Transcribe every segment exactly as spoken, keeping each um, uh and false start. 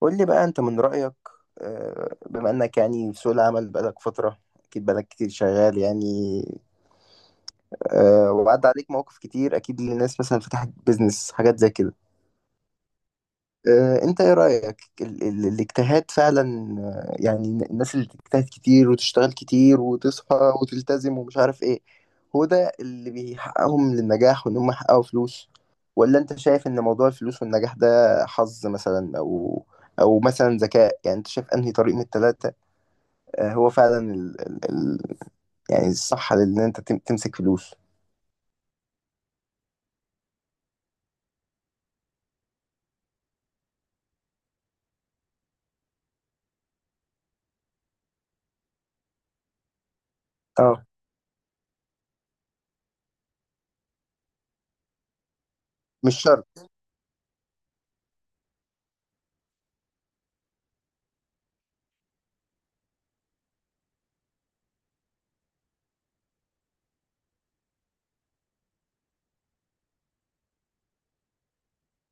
قول لي بقى، انت من رأيك؟ آه، بما انك يعني في سوق العمل بقالك فترة. اكيد بقالك كتير شغال يعني. آه، وعدى عليك مواقف كتير، اكيد للناس مثلا فتحت بيزنس حاجات زي كده. آه، انت ايه رأيك ال ال الاجتهاد فعلا؟ آه، يعني الناس اللي بتجتهد كتير وتشتغل كتير وتصحى وتلتزم ومش عارف ايه، هو ده اللي بيحققهم للنجاح وان هم يحققوا فلوس؟ ولا انت شايف ان موضوع الفلوس والنجاح ده حظ مثلا، او او مثلا ذكاء؟ يعني انت شايف انهي طريق من التلاتة؟ آه، هو فعلا ال... ال... ال... يعني الصح ان انت تم... تمسك فلوس. اه، مش شرط.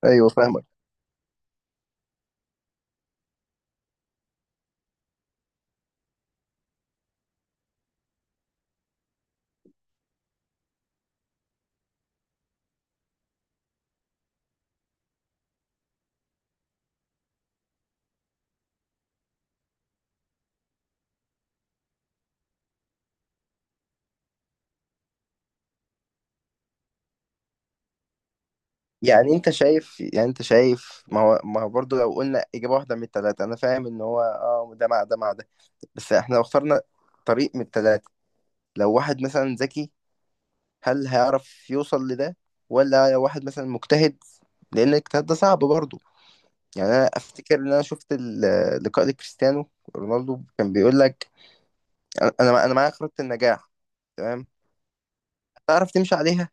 ايوه، فاهمك. يعني انت شايف يعني انت شايف ما هو ما هو برضه، لو قلنا اجابه واحده من الثلاثه، انا فاهم ان هو اه ده مع ده مع ده، بس احنا لو اخترنا طريق من الثلاثه، لو واحد مثلا ذكي، هل هيعرف يوصل لده؟ ولا لو واحد مثلا مجتهد؟ لان الاجتهاد ده صعب برضه. يعني انا افتكر ان انا شفت ال- لقاء لكريستيانو رونالدو، كان بيقول لك انا انا معايا خريطه النجاح، تمام؟ تعرف تمشي عليها؟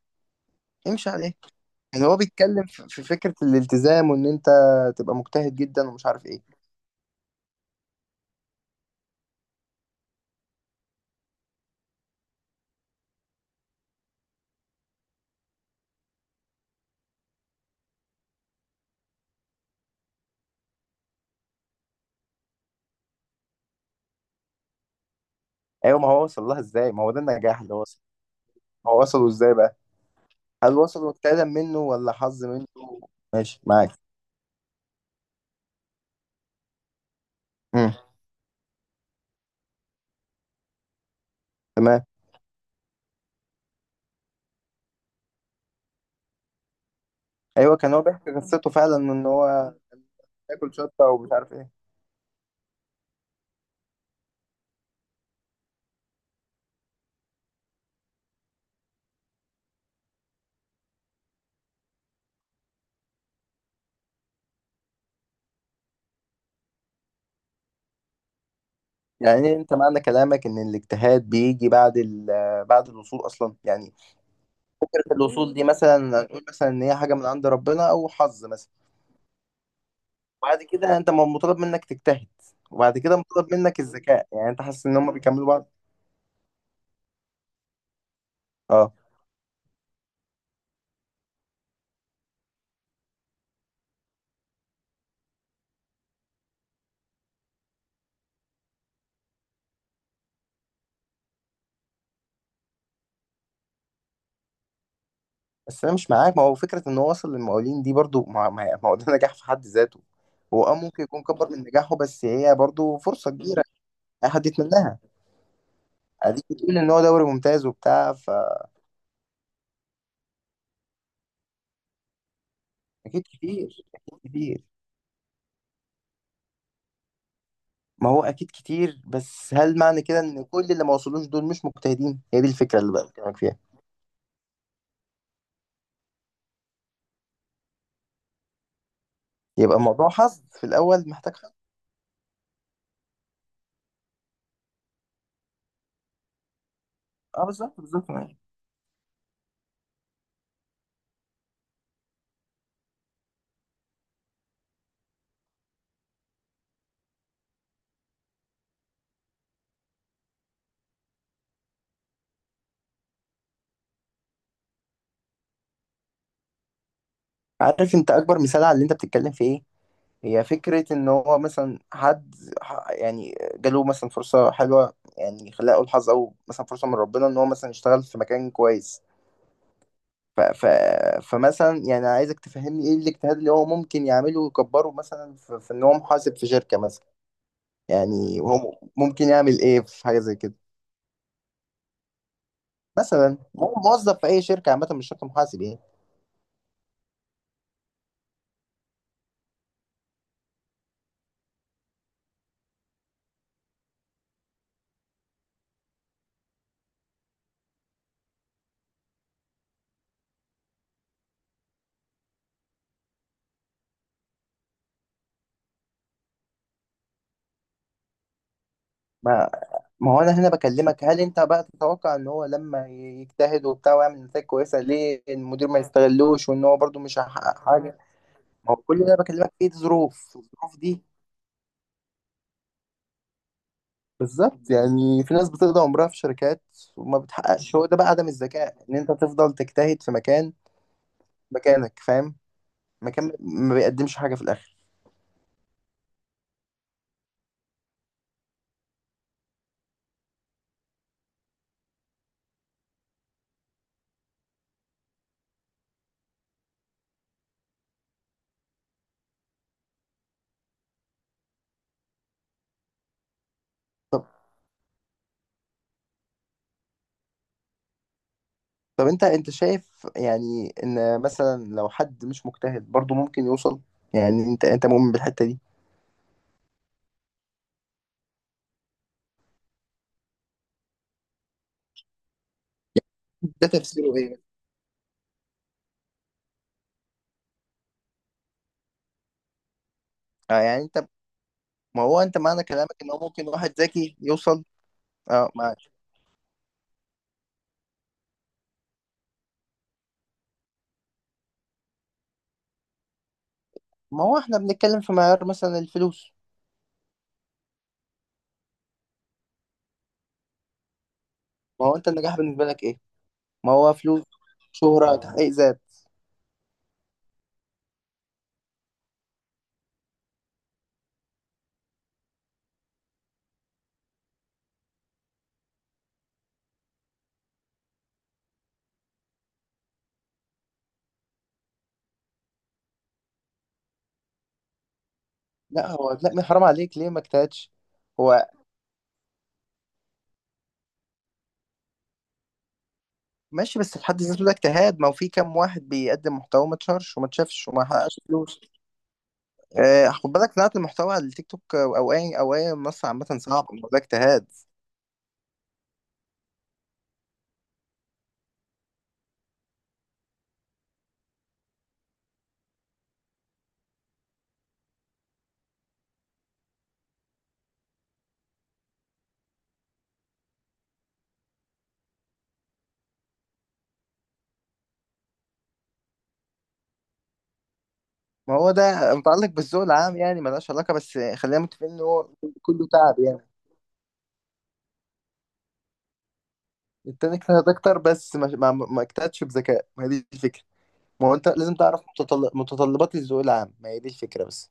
امشي عليها. يعني هو بيتكلم في في فكرة الالتزام وان انت تبقى مجتهد جدا ومش عارف ايه. ايوه، ما هو وصل لها ازاي؟ ما هو ده النجاح اللي وصل. هو وصله ازاي بقى؟ هل وصل اجتهادا منه ولا حظ منه؟ ماشي معاك. امم. تمام. ايوه، كان هو بيحكي قصته فعلا، ان هو ياكل شطه ومش عارف ايه. يعني إيه؟ انت معنى كلامك ان الاجتهاد بيجي بعد ال- بعد الوصول اصلا يعني؟ فكره الوصول دي مثلا هنقول مثلا ان هي حاجه من عند ربنا او حظ مثلا. بعد كده انت م- مطالب منك تجتهد، وبعد كده مطالب منك الذكاء. يعني انت حاسس ان هم بيكملوا بعض. اه، بس انا مش معاك. ما هو فكره ان هو وصل للمقاولين دي برضو، ما ما- ما هو ده نجاح في حد ذاته. هو اه ممكن يكون كبر من نجاحه، بس هي برضو فرصه كبيره اي حد يتمناها. اديك بتقول ان هو دوري ممتاز وبتاع. فاكيد كتير، اكيد كتير. ما هو اكيد كتير، بس هل معنى كده ان كل اللي ما وصلوش دول مش مجتهدين؟ هي دي الفكره اللي بقى بكلمك فيها. يبقى الموضوع حظ في الاول، محتاج حظ. اه، بالظبط، بالظبط. عارف انت اكبر مثال على اللي انت بتتكلم في ايه؟ هي فكرة ان هو مثلا حد ح- يعني جاله مثلا فرصة حلوة، يعني خلينا اقول حظ او مثلا فرصة من ربنا، ان هو مثلا يشتغل في مكان كويس. ف ف فمثلا يعني عايزك تفهمني ايه الاجتهاد اللي هو ممكن يعمله ويكبره، مثلا في, في ان هو محاسب في شركة مثلا. يعني هو ممكن يعمل ايه في حاجة زي كده؟ مثلا هو موظف في اي شركة عامة، مش شرط محاسب يعني. ما ما هو انا هنا بكلمك، هل انت بقى تتوقع ان هو لما يجتهد وبتاع ويعمل نتائج كويسه، ليه المدير ما يستغلوش؟ وان هو برضو مش هيحقق حاجه؟ ما هو كل ده أنا بكلمك فيه ظروف الظروف دي. بالظبط. يعني في ناس بتقضي عمرها في شركات وما بتحققش. هو ده بقى عدم الذكاء، ان انت تفضل تجتهد في مكان، مكانك، فاهم؟ مكان ما بيقدمش حاجه في الاخر. طب طب انت انت شايف يعني ان مثلا لو حد مش مجتهد برضو ممكن يوصل؟ يعني انت انت مؤمن بالحته دي؟ ده تفسيره ايه؟ اه، يعني انت، ما هو انت معنى كلامك ان هو ممكن واحد ذكي يوصل. اه، معاك. ما هو احنا بنتكلم في معيار مثلا الفلوس. ما هو انت، النجاح بالنسبه لك ايه؟ ما هو فلوس؟ شهره؟ تحقيق ذات؟ لا، هو لا، من حرام عليك، ليه ما اجتهدش هو؟ ماشي، بس في حد ذاته ده اجتهاد. ما هو في كام واحد بيقدم محتوى ما اتشهرش وما اتشافش وما حققش فلوس. اه، خد بالك، صناعه المحتوى على التيك توك او اي او اي منصه عامه صعبه. ما هو ده اجتهاد. ما هو ده متعلق بالذوق العام يعني، ملهاش علاقه، بس خلينا متفقين ان هو كله تعب يعني. التاني اجتهد اكتر، بس ما ما, ما اجتهدش بذكاء، ما هي دي الفكره. ما هو انت لازم تعرف متطل... متطلبات الذوق العام، ما هي دي الفكره بس.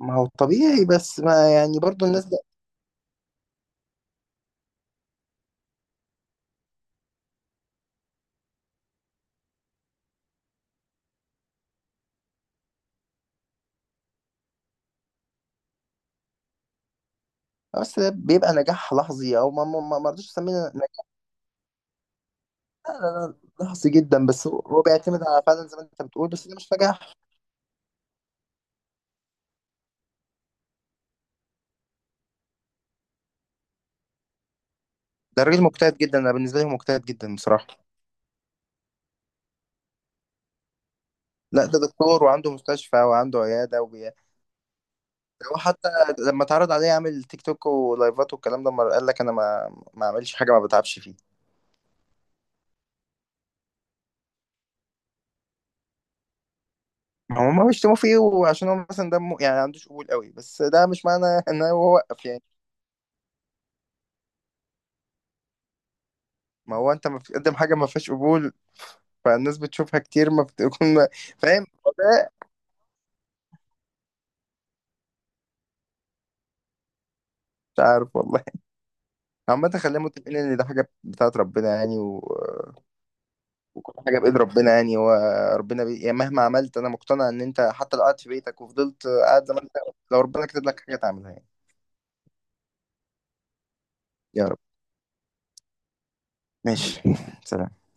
ما هو طبيعي، بس ما يعني برضو الناس ده. بس ده بيبقى نجاح لحظي، او ما ما ما ما رضيتش اسميه نجاح. لا، لا، لا، لحظي جدا، بس هو هو بيعتمد على فعلا زي ما انت بتقول، بس ده مش نجاح. ده راجل مجتهد جدا، انا بالنسبه لي هو مجتهد جدا بصراحه. لا، ده دكتور وعنده مستشفى وعنده عياده وبي... ده هو حتى لما اتعرض عليه يعمل تيك توك ولايفات والكلام ده، ما قال لك انا ما ما اعملش حاجه ما بتعبش فيها. هو، ما هم بيشتموا فيه وعشان هو مثلا دمه يعني عندوش قبول قوي، بس ده مش معنى ان هو وقف يعني. ما هو انت ما بتقدم حاجه ما فيهاش قبول، فالناس بتشوفها كتير ما بتكون. فاهم هو ده؟ مش عارف والله. عامه خلينا متفقين ان ده حاجه بتاعت ربنا يعني و... وكل حاجه بايد ربنا يعني. هو ربنا بي... يعني مهما عملت انا مقتنع ان انت حتى لو قعدت في بيتك وفضلت قاعد زي ما انت، لو ربنا كتب لك حاجه تعملها يعني. يا رب، ماشي. سلام.